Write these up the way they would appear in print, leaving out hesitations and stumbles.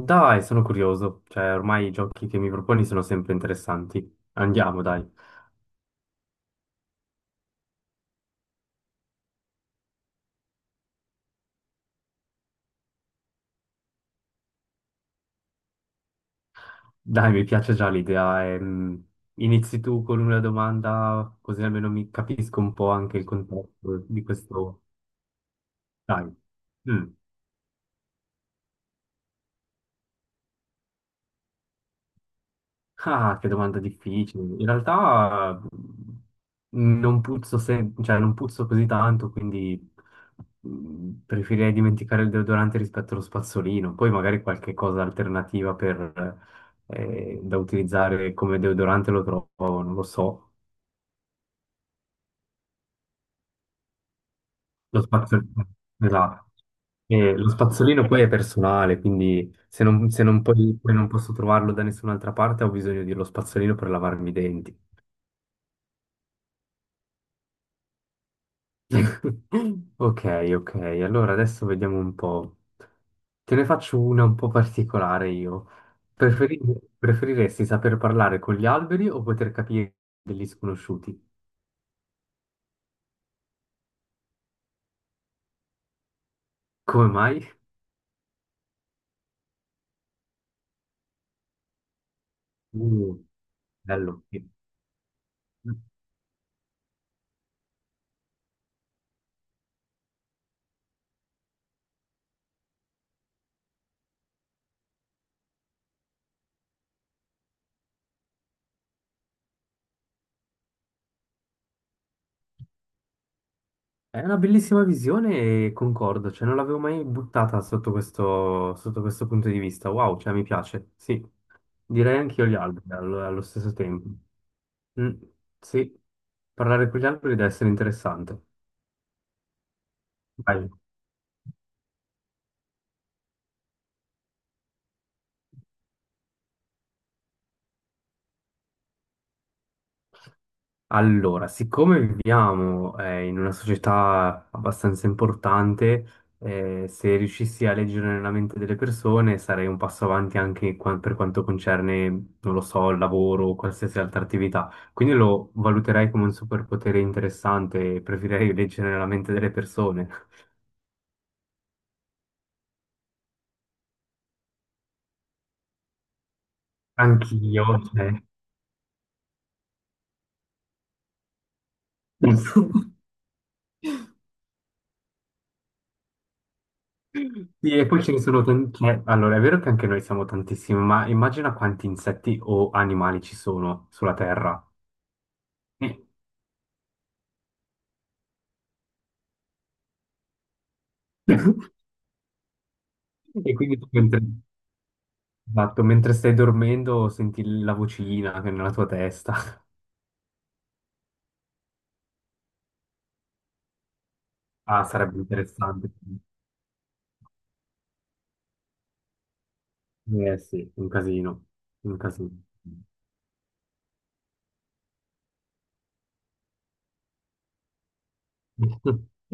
Dai, sono curioso, cioè ormai i giochi che mi proponi sono sempre interessanti. Andiamo, dai. Dai, mi piace già l'idea. Inizi tu con una domanda, così almeno mi capisco un po' anche il contesto di questo. Dai. Mm. Ah, che domanda difficile. In realtà non puzzo, cioè, non puzzo così tanto, quindi preferirei dimenticare il deodorante rispetto allo spazzolino. Poi magari qualche cosa alternativa per, da utilizzare come deodorante lo trovo, non lo so. Lo spazzolino, esatto. E lo spazzolino poi è personale, quindi se non poi non posso trovarlo da nessun'altra parte, ho bisogno dello spazzolino per lavarmi i denti. Ok, ok, allora adesso vediamo un po'. Te ne faccio una un po' particolare io. Preferi- preferiresti saper parlare con gli alberi o poter capire degli sconosciuti? Come mai? Uh, bello. Sì. È una bellissima visione e concordo, cioè non l'avevo mai buttata sotto questo punto di vista. Wow, cioè mi piace, sì. Direi anch'io gli alberi allo, allo stesso tempo. Mm, sì, parlare con gli alberi deve essere interessante. Vai. Allora, siccome viviamo in una società abbastanza importante, se riuscissi a leggere nella mente delle persone sarei un passo avanti anche per quanto concerne, non lo so, il lavoro o qualsiasi altra attività. Quindi lo valuterei come un superpotere interessante e preferirei leggere nella mente delle persone. Anch'io, cioè. Sì, e poi ce ne sono tanti. Allora, è vero che anche noi siamo tantissimi, ma immagina quanti insetti o animali ci sono sulla Terra. Eh, e quindi tu mentre, esatto, mentre stai dormendo senti la vocina che è nella tua testa. Ah, sarebbe interessante. Eh sì, un casino, un casino.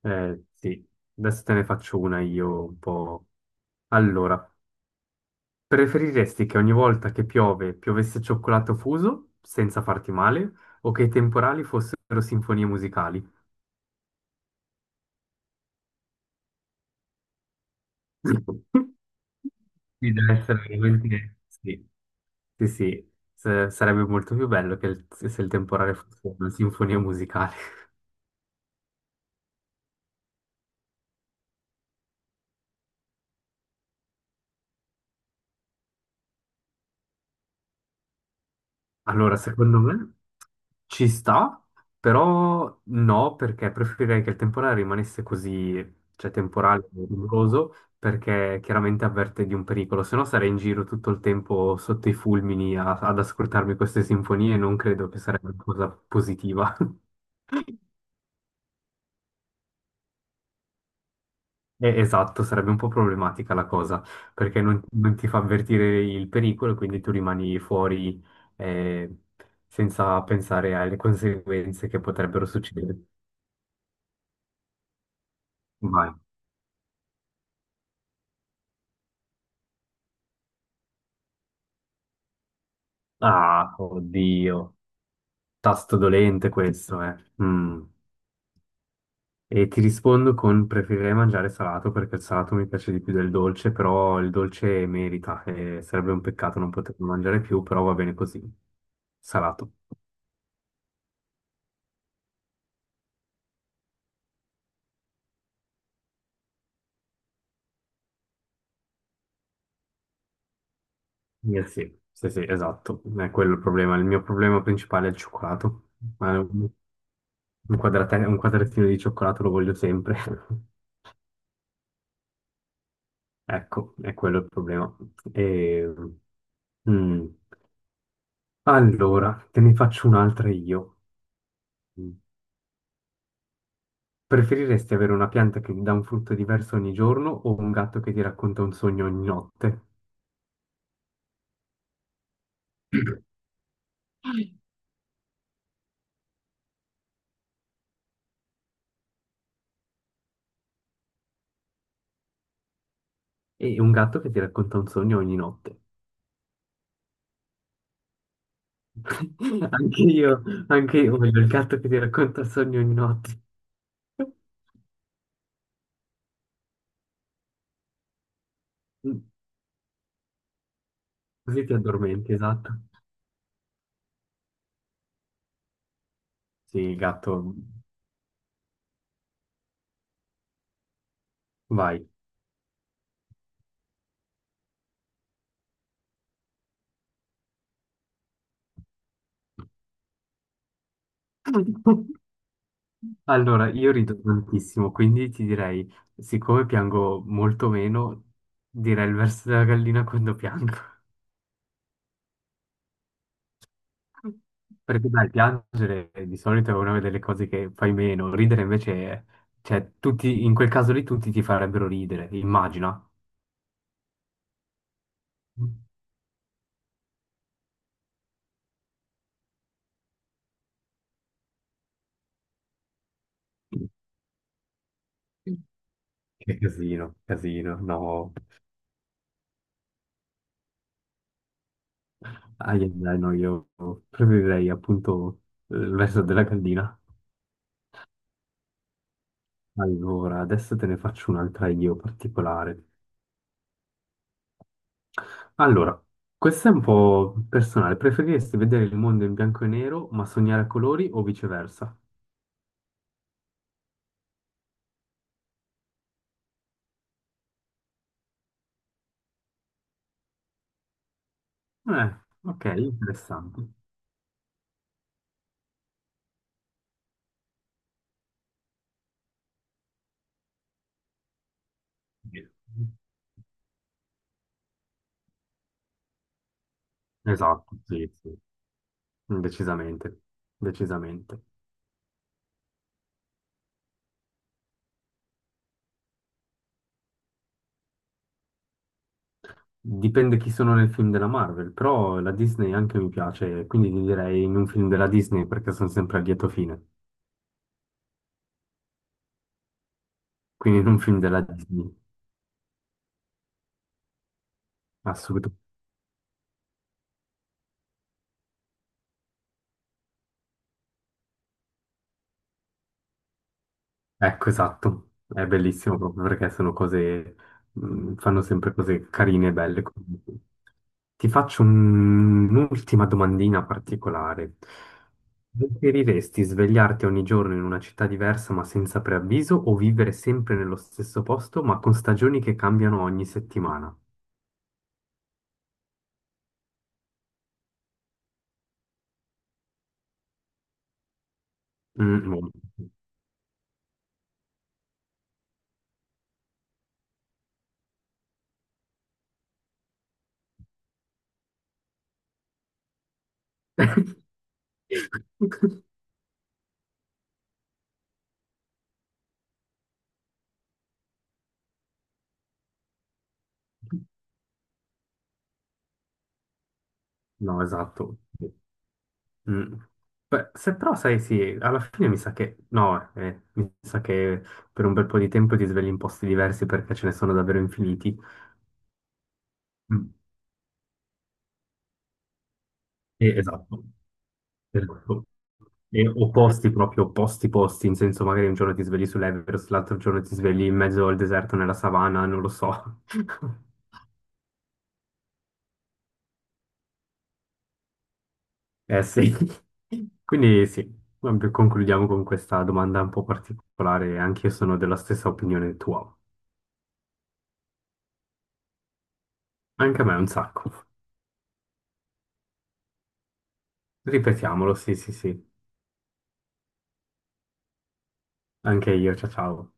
Eh sì, adesso te ne faccio una io un po'. Allora, preferiresti che ogni volta che piove piovesse cioccolato fuso senza farti male o che i temporali fossero sinfonie musicali? Sì, deve essere veramente... Sì, sì, sì. Sarebbe molto più bello che se il temporale fosse una sinfonia musicale. Allora, secondo me ci sta, però no, perché preferirei che il temporale rimanesse così, cioè temporale e rumoroso, perché chiaramente avverte di un pericolo, se no sarei in giro tutto il tempo sotto i fulmini ad ascoltarmi queste sinfonie e non credo che sarebbe una cosa positiva. Esatto, sarebbe un po' problematica la cosa, perché non ti fa avvertire il pericolo, quindi tu rimani fuori eh, senza pensare alle conseguenze che potrebbero succedere. Vai. Ah, oddio, tasto dolente questo, eh. Mm. E ti rispondo con preferirei mangiare salato perché il salato mi piace di più del dolce, però il dolce merita, sarebbe un peccato non poterlo mangiare più, però va bene così, salato. Sì, sì, sì, esatto, è quello il problema. Il mio problema principale è il cioccolato. Un un quadratino di cioccolato lo voglio sempre. Ecco, è quello il problema. E, mm, allora, te ne faccio un'altra io. Mm. Preferiresti avere una pianta che ti dà un frutto diverso ogni giorno o un gatto che ti racconta un sogno ogni notte? E un gatto che ti racconta un sogno ogni notte. Anche io, anche io voglio il gatto che ti racconta il sogno ogni notte. Così ti addormenti, esatto. Sì, gatto, vai. Allora, io rido tantissimo, quindi ti direi, siccome piango molto meno, direi il verso della gallina quando piango. Perché dai, piangere di solito è una delle cose che fai meno, ridere invece, cioè, tutti, in quel caso lì tutti ti farebbero ridere, immagina. Che casino, casino, no. Ah, yeah, dai, no, io preferirei appunto il verso della gallina. Allora, adesso te ne faccio un'altra io particolare. Allora, questa è un po' personale. Preferiresti vedere il mondo in bianco e nero ma sognare a colori o viceversa? Eh, ok, interessante. Esatto, sì, sì, decisamente, decisamente. Dipende chi sono nel film della Marvel, però la Disney anche mi piace, quindi ti direi in un film della Disney perché sono sempre a lieto fine. Quindi non un film della Disney, assolutamente. Ecco, esatto. È bellissimo proprio perché sono cose, fanno sempre cose carine e belle. Comunque. Ti faccio un'ultima domandina particolare. Preferiresti svegliarti ogni giorno in una città diversa ma senza preavviso o vivere sempre nello stesso posto ma con stagioni che cambiano ogni settimana? Mm, no, no, esatto. Mm. Beh, se però sai, sì, alla fine mi sa che no, mi sa che per un bel po' di tempo ti svegli in posti diversi perché ce ne sono davvero infiniti. Mm. Esatto, esatto. E opposti, proprio opposti posti, in senso magari un giorno ti svegli sull'Everest, l'altro giorno ti svegli in mezzo al deserto nella savana, non lo so. Eh sì. Quindi sì, vabbè, concludiamo con questa domanda un po' particolare, anche io sono della stessa opinione tua. Anche a me un sacco. Ripetiamolo, sì, sì, sì. Anche io, ciao ciao.